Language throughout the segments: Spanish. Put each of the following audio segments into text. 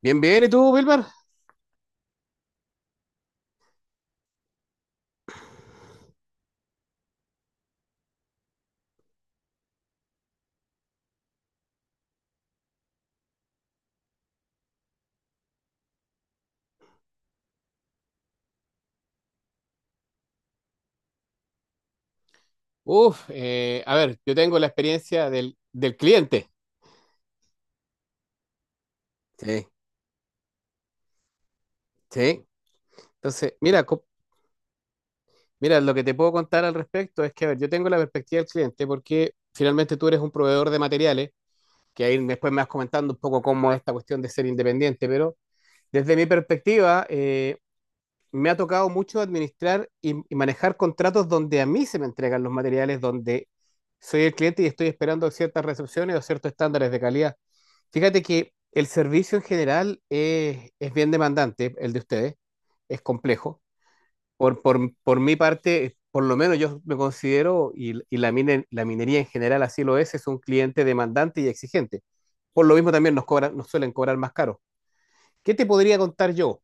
Bien, bien, ¿y tú, Wilmer? Uf, a ver, yo tengo la experiencia del cliente. Sí, sí. Entonces, mira, mira, lo que te puedo contar al respecto es que, a ver, yo tengo la perspectiva del cliente porque finalmente tú eres un proveedor de materiales, que ahí después me vas comentando un poco cómo es esta cuestión de ser independiente, pero desde mi perspectiva, me ha tocado mucho administrar y manejar contratos donde a mí se me entregan los materiales, donde soy el cliente y estoy esperando ciertas recepciones o ciertos estándares de calidad. Fíjate que el servicio en general es bien demandante, el de ustedes, es complejo. Por mi parte, por lo menos yo me considero, y la minería en general así lo es un cliente demandante y exigente. Por lo mismo también nos cobran, nos suelen cobrar más caro. ¿Qué te podría contar yo?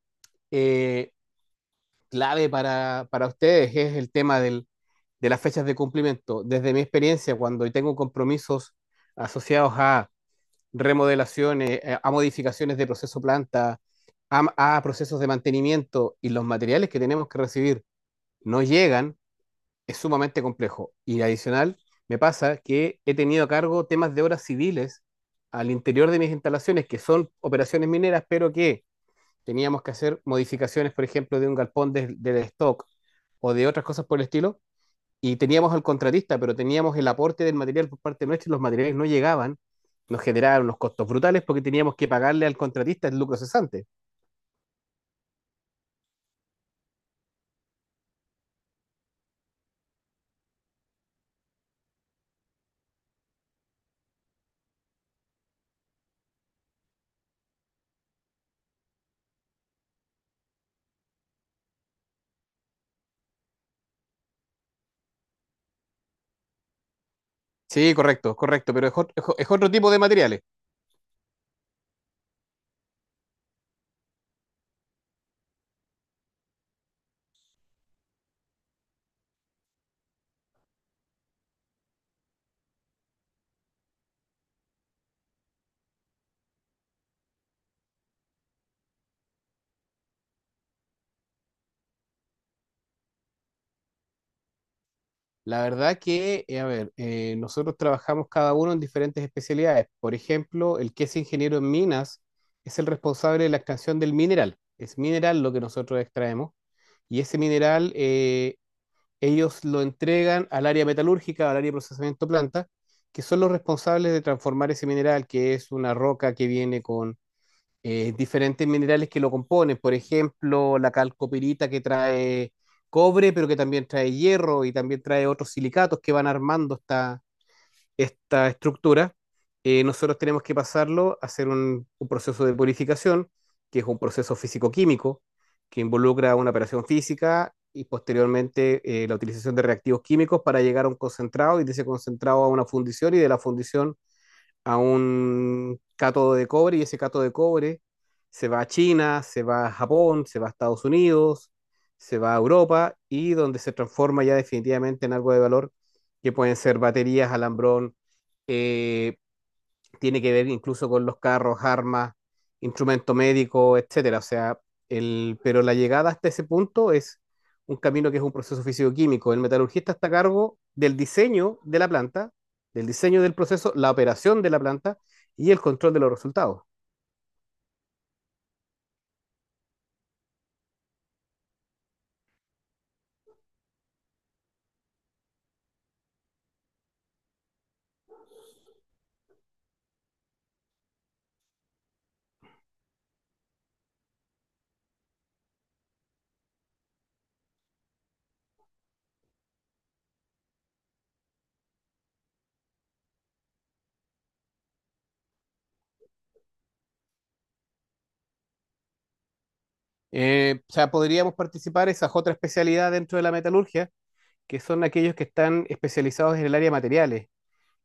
Eh, clave para ustedes es el tema de las fechas de cumplimiento. Desde mi experiencia, cuando tengo compromisos asociados a remodelaciones, a modificaciones de proceso planta, a procesos de mantenimiento y los materiales que tenemos que recibir no llegan, es sumamente complejo. Y adicional, me pasa que he tenido a cargo temas de obras civiles al interior de mis instalaciones, que son operaciones mineras, pero que teníamos que hacer modificaciones, por ejemplo, de un galpón del de stock, o de otras cosas por el estilo, y teníamos al contratista, pero teníamos el aporte del material por parte nuestra y los materiales no llegaban, nos generaban unos costos brutales porque teníamos que pagarle al contratista el lucro cesante. Sí, correcto, correcto, pero es, ot- es o- es otro tipo de materiales. La verdad que, nosotros trabajamos cada uno en diferentes especialidades. Por ejemplo, el que es ingeniero en minas es el responsable de la extracción del mineral. Es mineral lo que nosotros extraemos y ese mineral ellos lo entregan al área metalúrgica, al área de procesamiento planta, que son los responsables de transformar ese mineral, que es una roca que viene con diferentes minerales que lo componen. Por ejemplo, la calcopirita que trae cobre, pero que también trae hierro y también trae otros silicatos que van armando esta estructura, nosotros tenemos que pasarlo a hacer un proceso de purificación, que es un proceso físico-químico, que involucra una operación física y posteriormente la utilización de reactivos químicos para llegar a un concentrado y de ese concentrado a una fundición y de la fundición a un cátodo de cobre y ese cátodo de cobre se va a China, se va a Japón, se va a Estados Unidos, se va a Europa y donde se transforma ya definitivamente en algo de valor que pueden ser baterías, alambrón, eh, tiene que ver incluso con los carros, armas, instrumento médico, etcétera. O sea, el, pero la llegada hasta ese punto es un camino que es un proceso físico-químico. El metalurgista está a cargo del diseño de la planta, del diseño del proceso, la operación de la planta y el control de los resultados. O sea, podríamos participar esas otras especialidades dentro de la metalurgia, que son aquellos que están especializados en el área de materiales,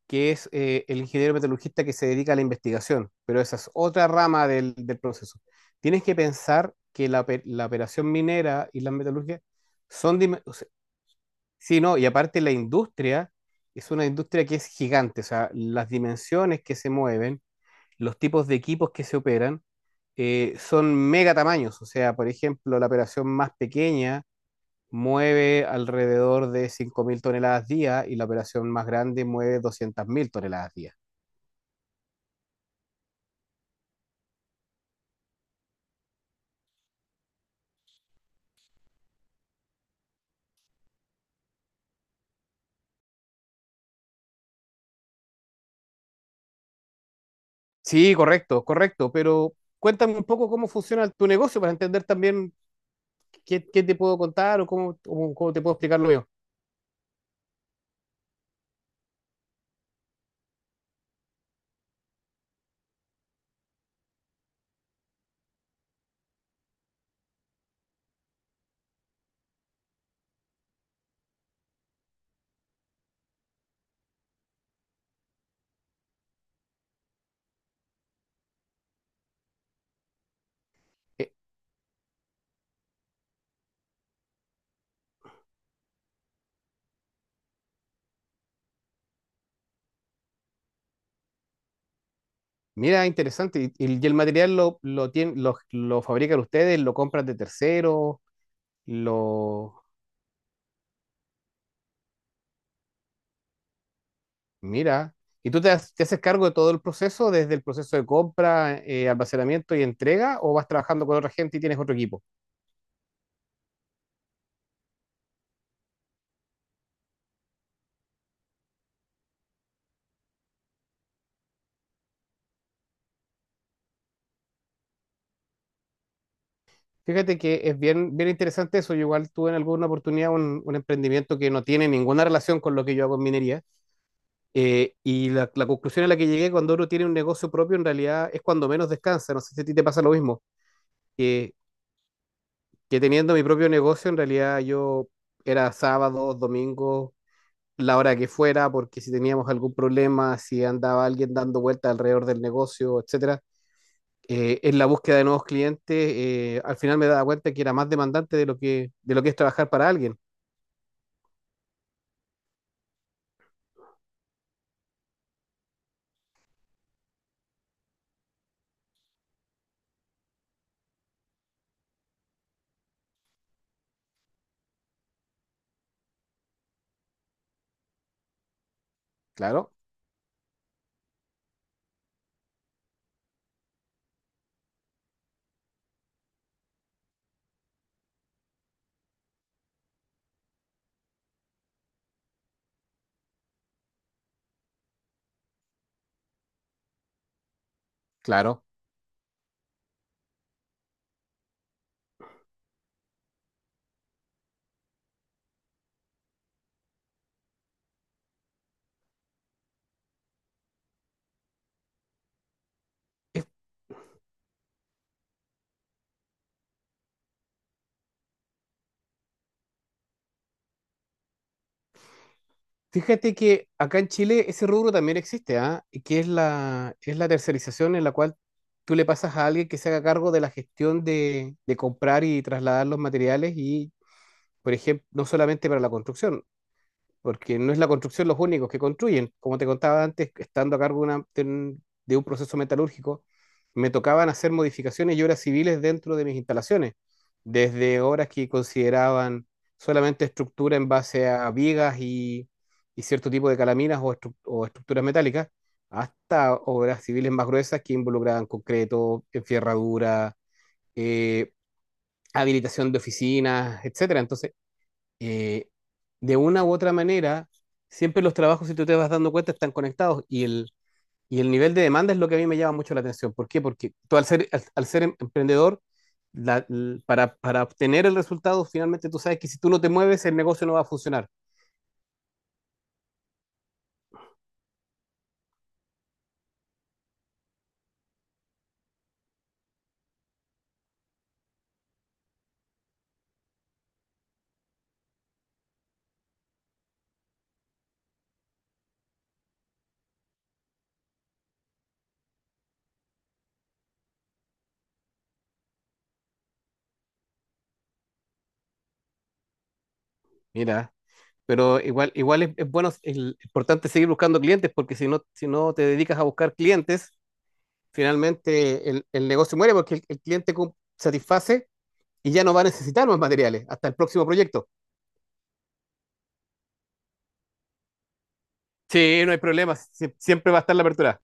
que es el ingeniero metalurgista que se dedica a la investigación, pero esa es otra rama del proceso. Tienes que pensar que la operación minera y la metalurgia son... sí, no, y aparte la industria es una industria que es gigante, o sea, las dimensiones que se mueven, los tipos de equipos que se operan, son mega tamaños, o sea, por ejemplo, la operación más pequeña mueve alrededor de 5.000 toneladas día y la operación más grande mueve 200.000 toneladas día. Sí, correcto, correcto, pero cuéntame un poco cómo funciona tu negocio para entender también qué, qué te puedo contar o cómo te puedo explicar lo mío. Eh, mira, interesante. Y el material lo fabrican ustedes, lo compran de terceros, lo... Mira. ¿Y tú te haces cargo de todo el proceso, desde el proceso de compra, almacenamiento y entrega, o vas trabajando con otra gente y tienes otro equipo? Fíjate que es bien, bien interesante eso. Yo igual tuve en alguna oportunidad un emprendimiento que no tiene ninguna relación con lo que yo hago en minería. La conclusión a la que llegué cuando uno tiene un negocio propio, en realidad es cuando menos descansa. No sé si a ti te pasa lo mismo, que, que teniendo mi propio negocio, en realidad yo era sábados, domingos, la hora que fuera, porque si teníamos algún problema, si andaba alguien dando vuelta alrededor del negocio, etcétera, en la búsqueda de nuevos clientes, al final me daba cuenta que era más demandante de lo que es trabajar para alguien. Claro, claro. Fíjate que acá en Chile ese rubro también existe, ¿ah? Y que es es la tercerización en la cual tú le pasas a alguien que se haga cargo de la gestión de comprar y trasladar los materiales y, por ejemplo, no solamente para la construcción porque no es la construcción los únicos que construyen. Como te contaba antes, estando a cargo de un proceso metalúrgico, me tocaban hacer modificaciones y obras civiles dentro de mis instalaciones, desde obras que consideraban solamente estructura en base a vigas y cierto tipo de calaminas o estructuras metálicas, hasta obras civiles más gruesas que involucraban concreto, enferradura, eh, habilitación de oficinas, etcétera. Entonces, eh, de una u otra manera, siempre los trabajos, si tú te vas dando cuenta, están conectados y el nivel de demanda es lo que a mí me llama mucho la atención. ¿Por qué? Porque tú al ser, al, al ser emprendedor, para obtener el resultado, finalmente tú sabes que si tú no te mueves, el negocio no va a funcionar. Mira, pero igual, igual es bueno, es importante seguir buscando clientes, porque si no, si no te dedicas a buscar clientes, finalmente el negocio muere porque el cliente satisface y ya no va a necesitar más materiales hasta el próximo proyecto. Sí, no hay problema. Siempre va a estar la apertura.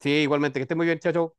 Sí, igualmente. Que esté muy bien, chao, chao.